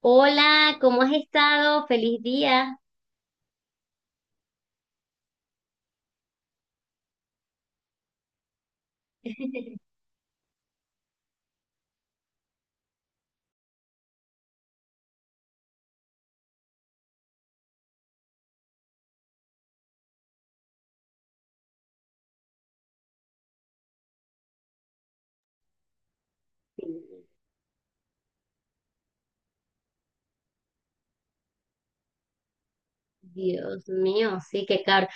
Hola, ¿cómo has estado? Feliz día. Dios mío, sí, qué caro.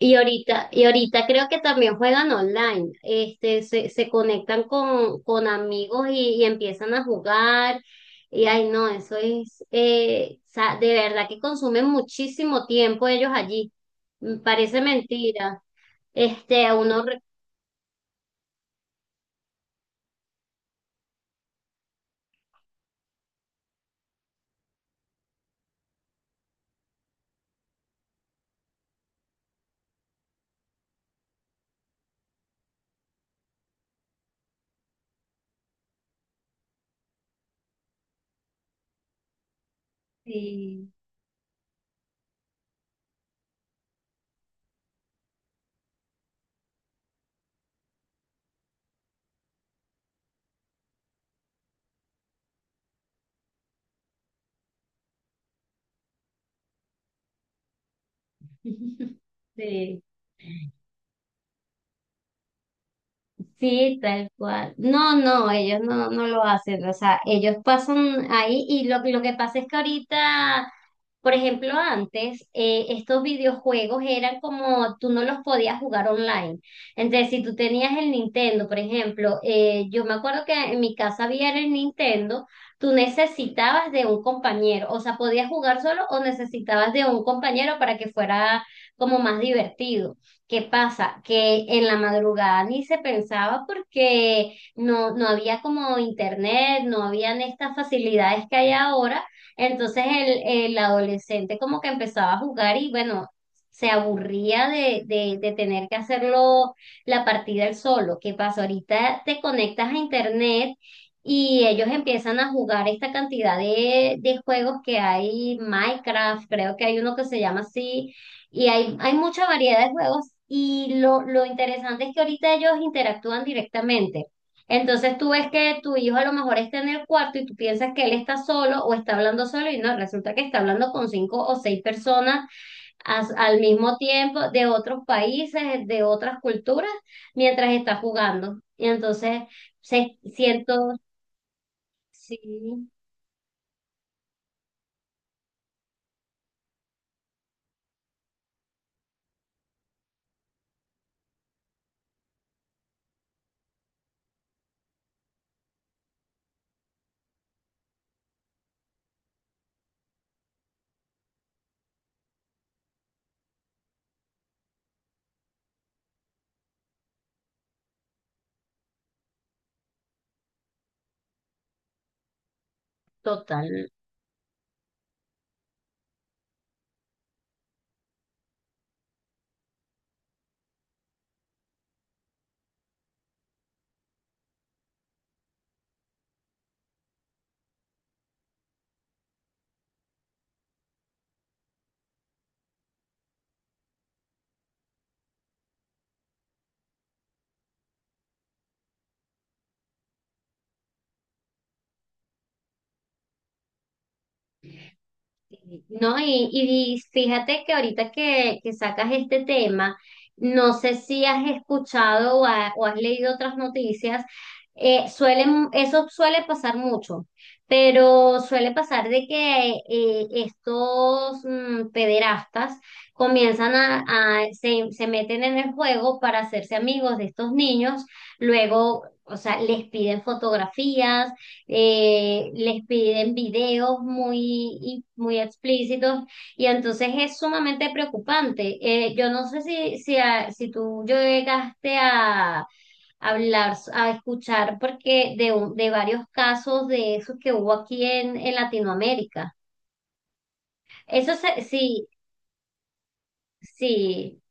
Y ahorita creo que también juegan online. Se conectan con amigos y empiezan a jugar. Y ay, no, eso es, de verdad que consumen muchísimo tiempo ellos allí. Mm, parece mentira. Este, a uno, re- sí. Sí. Sí, tal cual. No, no, ellos no, no lo hacen. O sea, ellos pasan ahí y lo que pasa es que ahorita, por ejemplo, antes, estos videojuegos eran como, tú no los podías jugar online. Entonces, si tú tenías el Nintendo, por ejemplo, yo me acuerdo que en mi casa había el Nintendo, tú necesitabas de un compañero. O sea, podías jugar solo o necesitabas de un compañero para que fuera como más divertido. ¿Qué pasa? Que en la madrugada ni se pensaba porque no, no había como internet, no habían estas facilidades que hay ahora. Entonces el adolescente como que empezaba a jugar y bueno, se aburría de tener que hacerlo la partida él solo. ¿Qué pasa? Ahorita te conectas a internet y ellos empiezan a jugar esta cantidad de juegos que hay. Minecraft, creo que hay uno que se llama así, y hay mucha variedad de juegos. Y lo interesante es que ahorita ellos interactúan directamente. Entonces tú ves que tu hijo a lo mejor está en el cuarto y tú piensas que él está solo o está hablando solo y no, resulta que está hablando con cinco o seis personas, al mismo tiempo, de otros países, de otras culturas, mientras está jugando. Y entonces se siento, sí, total. No, y fíjate que ahorita que sacas este tema, no sé si has escuchado o has leído otras noticias. Suelen, eso suele pasar mucho, pero suele pasar de que estos pederastas comienzan se meten en el juego para hacerse amigos de estos niños, luego, o sea, les piden fotografías, les piden videos muy, y muy explícitos, y entonces es sumamente preocupante. Yo no sé si tú llegaste a hablar, a escuchar, porque de varios casos de esos que hubo aquí en Latinoamérica. Eso se- sí, sí,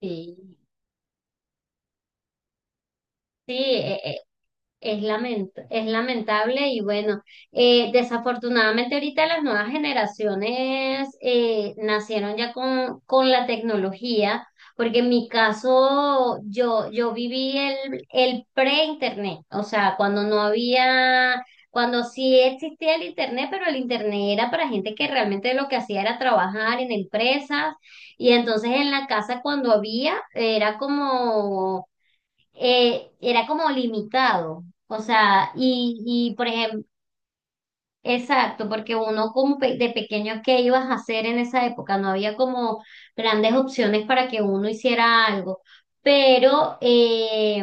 sí, sí. Es lament- es lamentable y bueno, desafortunadamente ahorita las nuevas generaciones nacieron ya con la tecnología, porque en mi caso yo, yo viví el pre-internet. O sea, cuando no había, cuando sí existía el internet, pero el internet era para gente que realmente lo que hacía era trabajar en empresas, y entonces en la casa cuando había era como limitado. O sea, y por ejemplo, exacto, porque uno como pe- de pequeño, ¿qué ibas a hacer en esa época? No había como grandes opciones para que uno hiciera algo. Pero eh,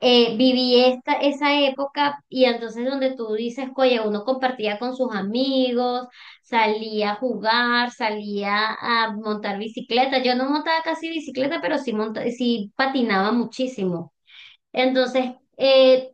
eh, viví esta, esa época, y entonces donde tú dices, oye, uno compartía con sus amigos, salía a jugar, salía a montar bicicleta. Yo no montaba casi bicicleta, pero sí, monta sí patinaba muchísimo. Entonces, eh,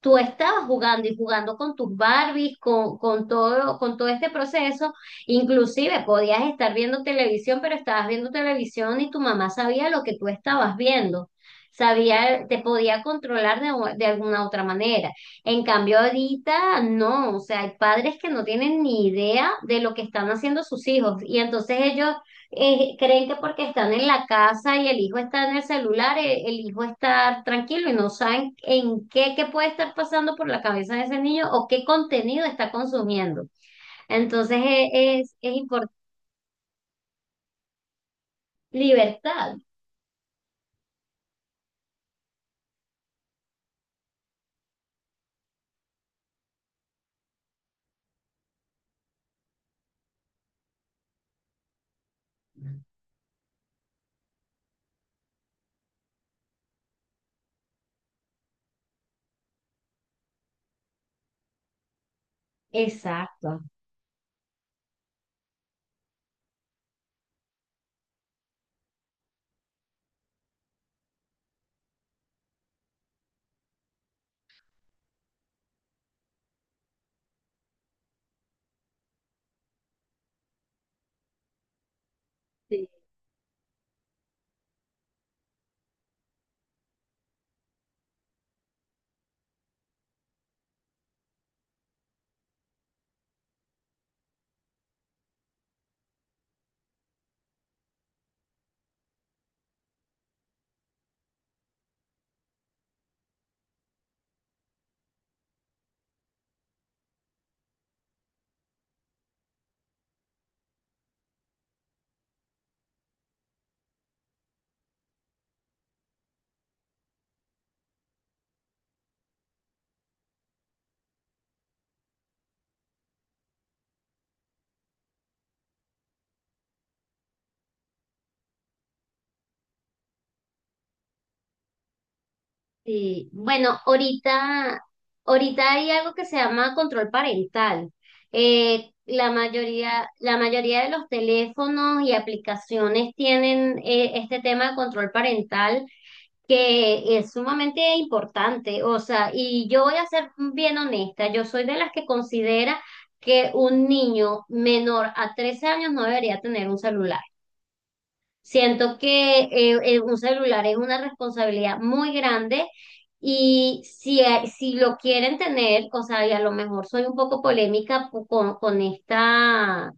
tú estabas jugando y jugando con tus Barbies, con todo este proceso. Inclusive podías estar viendo televisión, pero estabas viendo televisión y tu mamá sabía lo que tú estabas viendo. Sabía, te podía controlar de, u- de alguna otra manera. En cambio, ahorita no. O sea, hay padres que no tienen ni idea de lo que están haciendo sus hijos, y entonces ellos creen que porque están en la casa y el hijo está en el celular, e- el hijo está tranquilo, y no saben en qué, qué puede estar pasando por la cabeza de ese niño o qué contenido está consumiendo. Entonces es importante. Libertad. Exacto. Sí. Bueno, ahorita, ahorita hay algo que se llama control parental. La mayoría de los teléfonos y aplicaciones tienen este tema de control parental, que es sumamente importante. O sea, y yo voy a ser bien honesta, yo soy de las que considera que un niño menor a 13 años no debería tener un celular. Siento que un celular es una responsabilidad muy grande, y si, si lo quieren tener, o sea, y a lo mejor soy un poco polémica con esta,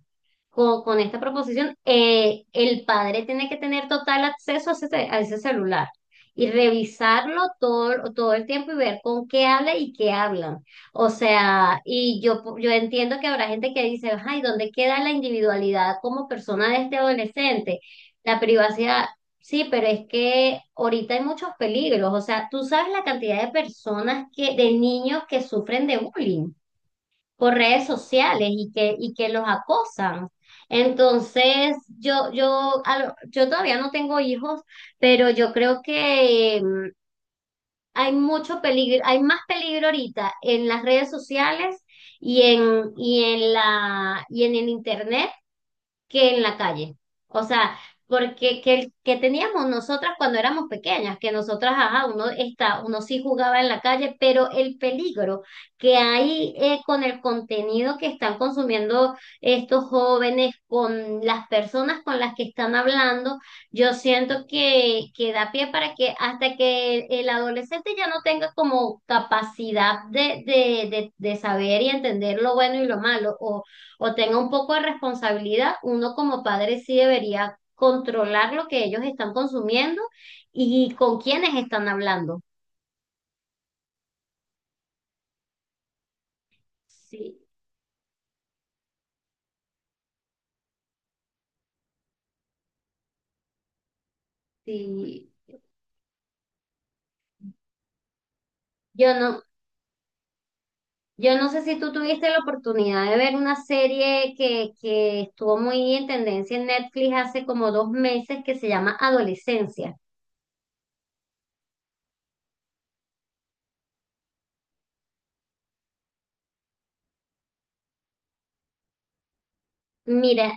con esta proposición, el padre tiene que tener total acceso a ese, ce- a ese celular, y revisarlo todo, todo el tiempo, y ver con qué habla y qué hablan. O sea, y yo entiendo que habrá gente que dice, ay, ¿dónde queda la individualidad como persona de este adolescente? La privacidad. Sí, pero es que ahorita hay muchos peligros. O sea, tú sabes la cantidad de personas de niños que sufren de bullying por redes sociales y que los acosan. Entonces, yo todavía no tengo hijos, pero yo creo que mm, hay mucho peligro, hay más peligro ahorita en las redes sociales y en el internet, que en la calle. O sea, porque que teníamos nosotras cuando éramos pequeñas, que nosotras, ajá, uno está, uno sí jugaba en la calle, pero el peligro que hay, con el contenido que están consumiendo estos jóvenes, con las personas con las que están hablando, yo siento que da pie para que hasta que el adolescente ya no tenga como capacidad de saber y entender lo bueno y lo malo, o tenga un poco de responsabilidad, uno como padre sí debería controlar lo que ellos están consumiendo y con quiénes están hablando. Sí, sí. Yo no, yo no sé si tú tuviste la oportunidad de ver una serie que estuvo muy en tendencia en Netflix hace como 2 meses, que se llama Adolescencia. Mira,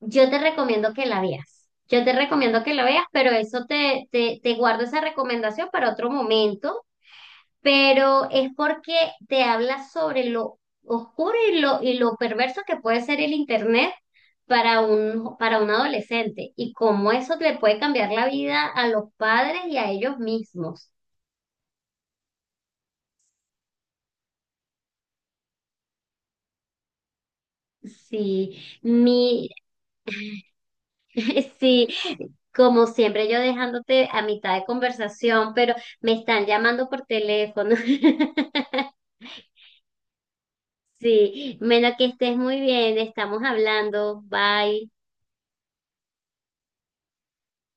yo te recomiendo que la veas. Yo te recomiendo que la veas, pero eso te guardo esa recomendación para otro momento, pero es porque te habla sobre lo oscuro y lo perverso que puede ser el internet para un adolescente, y cómo eso le puede cambiar la vida a los padres y a ellos mismos. Sí, mi, sí, como siempre yo dejándote a mitad de conversación, pero me están llamando por teléfono. Sí, bueno, que estés muy bien, estamos hablando, bye.